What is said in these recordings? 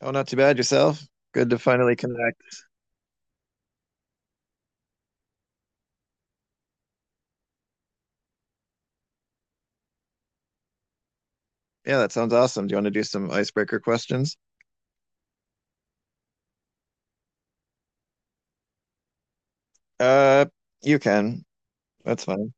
Oh, not too bad yourself. Good to finally connect. Yeah, that sounds awesome. Do you want to do some icebreaker questions? Uh, you can. That's fine.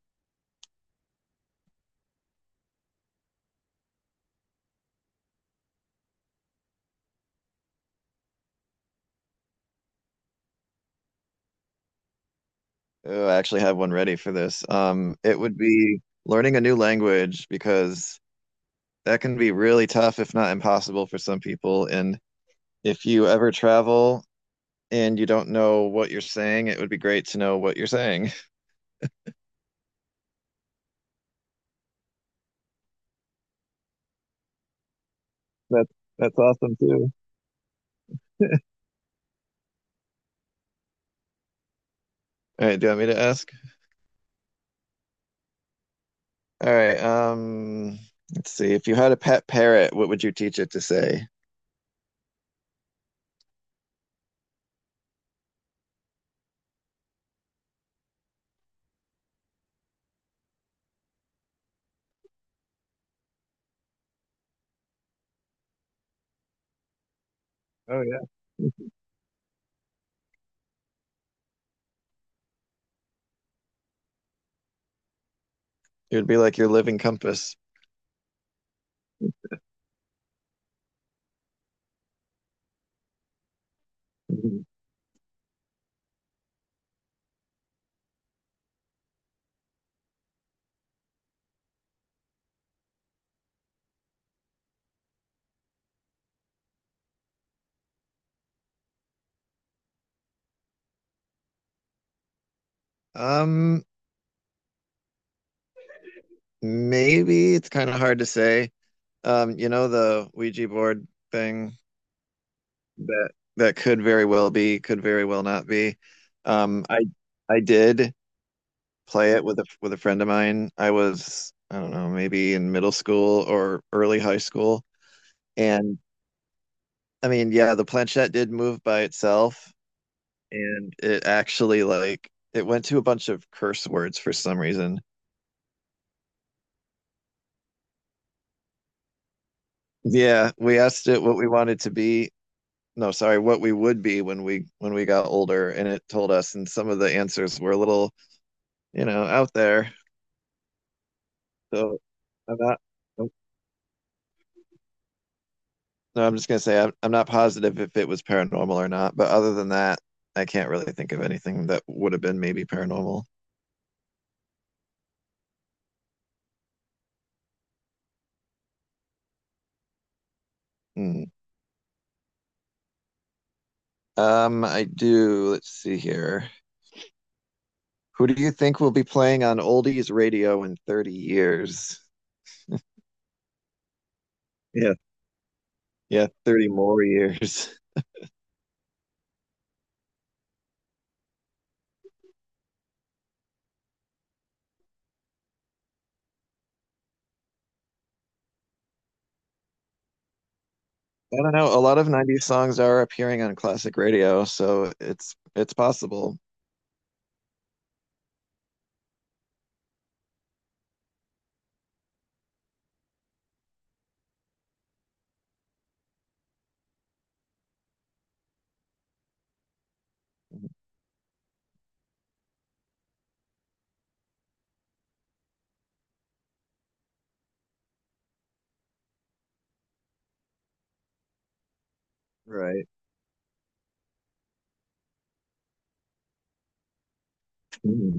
Oh, I actually have one ready for this. It would be learning a new language because that can be really tough, if not impossible, for some people. And if you ever travel and you don't know what you're saying, it would be great to know what you're saying. That's that's awesome too. All right, do you want me to ask? All right, let's see. If you had a pet parrot, what would you teach it to say? Oh yeah. It would be like your living compass. Mm-hmm. Um, Maybe it's kind of hard to say. You know the Ouija board thing, that that could very well be, could very well not be. Um, I I did play it with a friend of mine. I was, I don't know, maybe in middle school or early high school. And I mean, yeah, the planchette did move by itself, and it actually like it went to a bunch of curse words for some reason. Yeah, we asked it what we wanted to be. No, sorry, what we would be when we got older, and it told us. And some of the answers were a little, you know, out there. So I'm not. Nope, No, I'm just gonna say I'm not positive if it was paranormal or not. But other than that, I can't really think of anything that would have been maybe paranormal. Hmm. I do. Let's see here. Who do you think will be playing on oldies radio in 30 years? Yeah, yeah, 30 more years. I don't know. A lot of 90s songs are appearing on classic radio, so it's possible. Right. Hmm.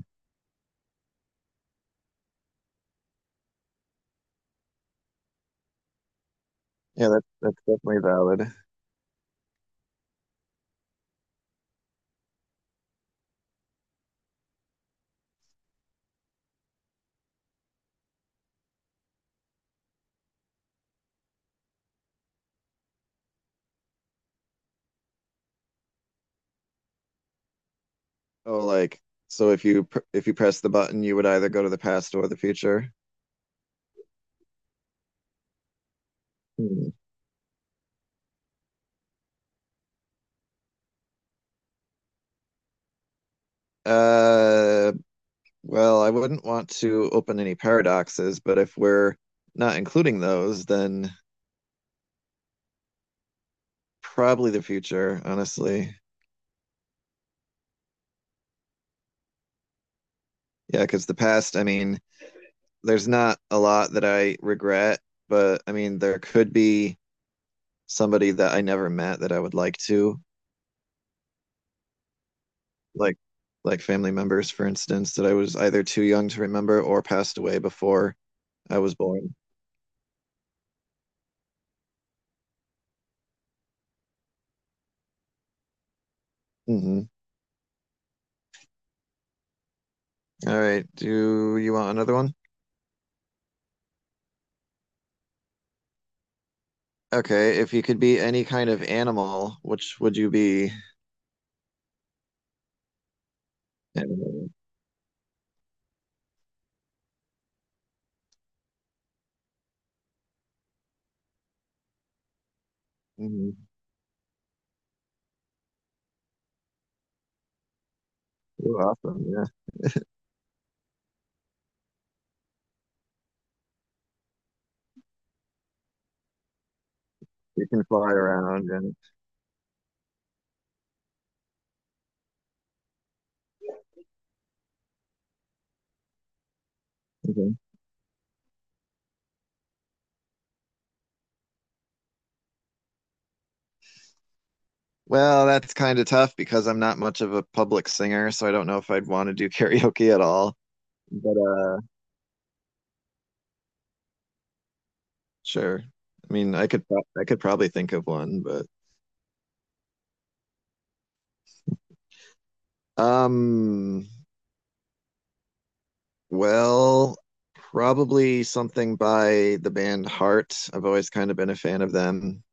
Yeah, that's definitely valid. Oh, like so if you pr if you press the button, you would either go to the past or the future. Hmm. Uh, well, I wouldn't want to open any paradoxes, but if we're not including those, then probably the future, honestly. Yeah, because the past, I mean, there's not a lot that I regret, but I mean, there could be somebody that I never met that I would like to, like like family members, for instance, that I was either too young to remember or passed away before I was born. Hmm. All right. Do you want another one? Okay. If you could be any kind of animal, which would you be? And mhm. You're awesome. Yeah. You can fly around and mhm. Well, that's kind of tough because I'm not much of a public singer, so I don't know if I'd want to do karaoke at all. But sure. I mean, I could probably think of one, but um, well, probably something by the band Heart. I've always kind of been a fan of them.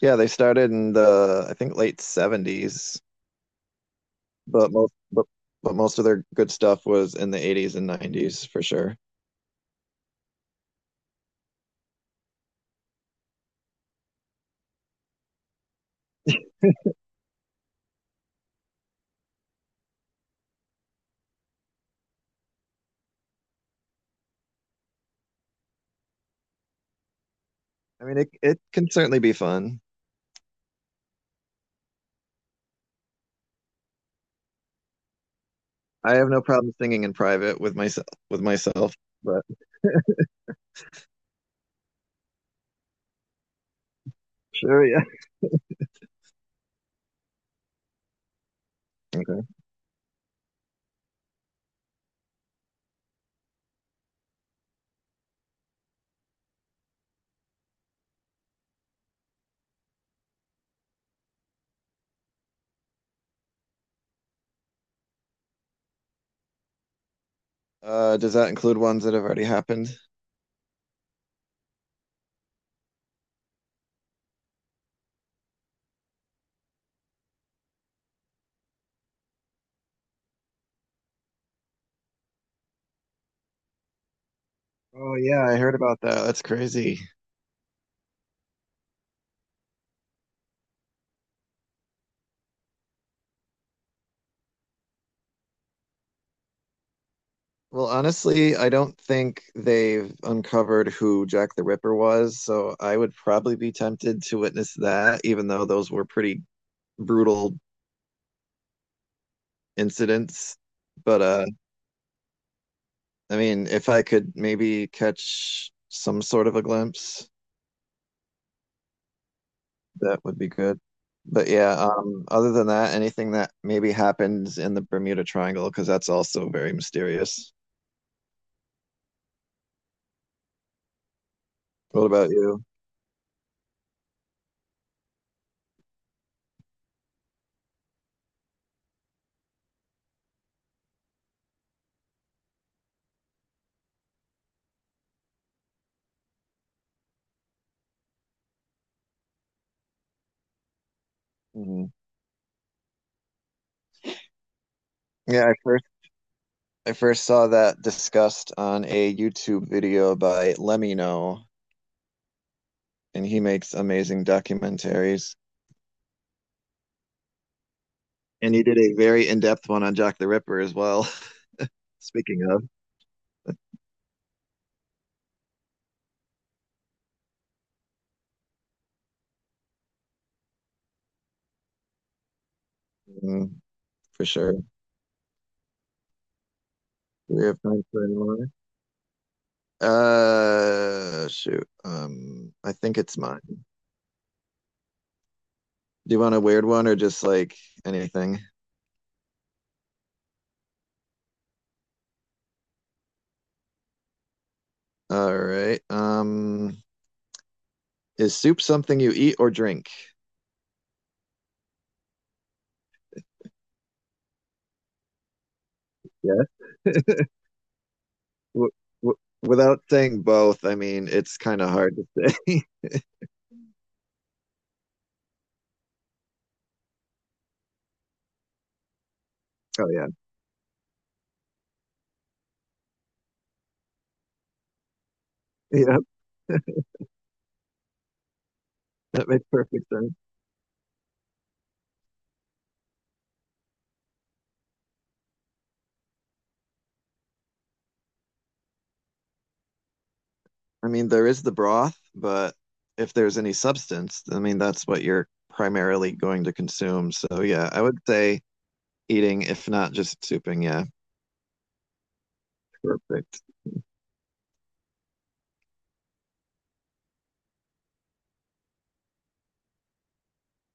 Yeah, they started in the, I think, late 70s, but most but, but most of their good stuff was in the 80s and 90s for sure. I mean, it can certainly be fun. I have no problem singing in private with myself, but sure, yeah. Okay. Does that include ones that have already happened? Oh yeah, I heard about that. That's crazy. Well, honestly, I don't think they've uncovered who Jack the Ripper was, so I would probably be tempted to witness that, even though those were pretty brutal incidents. But I mean, if I could maybe catch some sort of a glimpse, that would be good. But yeah, other than that, anything that maybe happens in the Bermuda Triangle, because that's also very mysterious. What about you? Mhm. Yeah, I first. I first saw that discussed on a YouTube video by Lemino, and he makes amazing documentaries. And he did a very in-depth one on Jack the Ripper as well. Speaking of, mm, for sure. Do we have time for any more? Shoot. I think it's mine. Do you want a weird one or just like anything? All right. Is soup something you eat or drink? Yeah. w- w- Without saying both, I mean, it's kind of hard to say. Oh, yeah. Yeah, that makes perfect sense. I mean, there is the broth, but if there's any substance, I mean, that's what you're primarily going to consume. So, yeah, I would say eating, if not just souping. Yeah, perfect.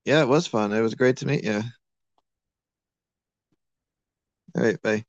Yeah, it was fun. It was great to meet you. All right, bye.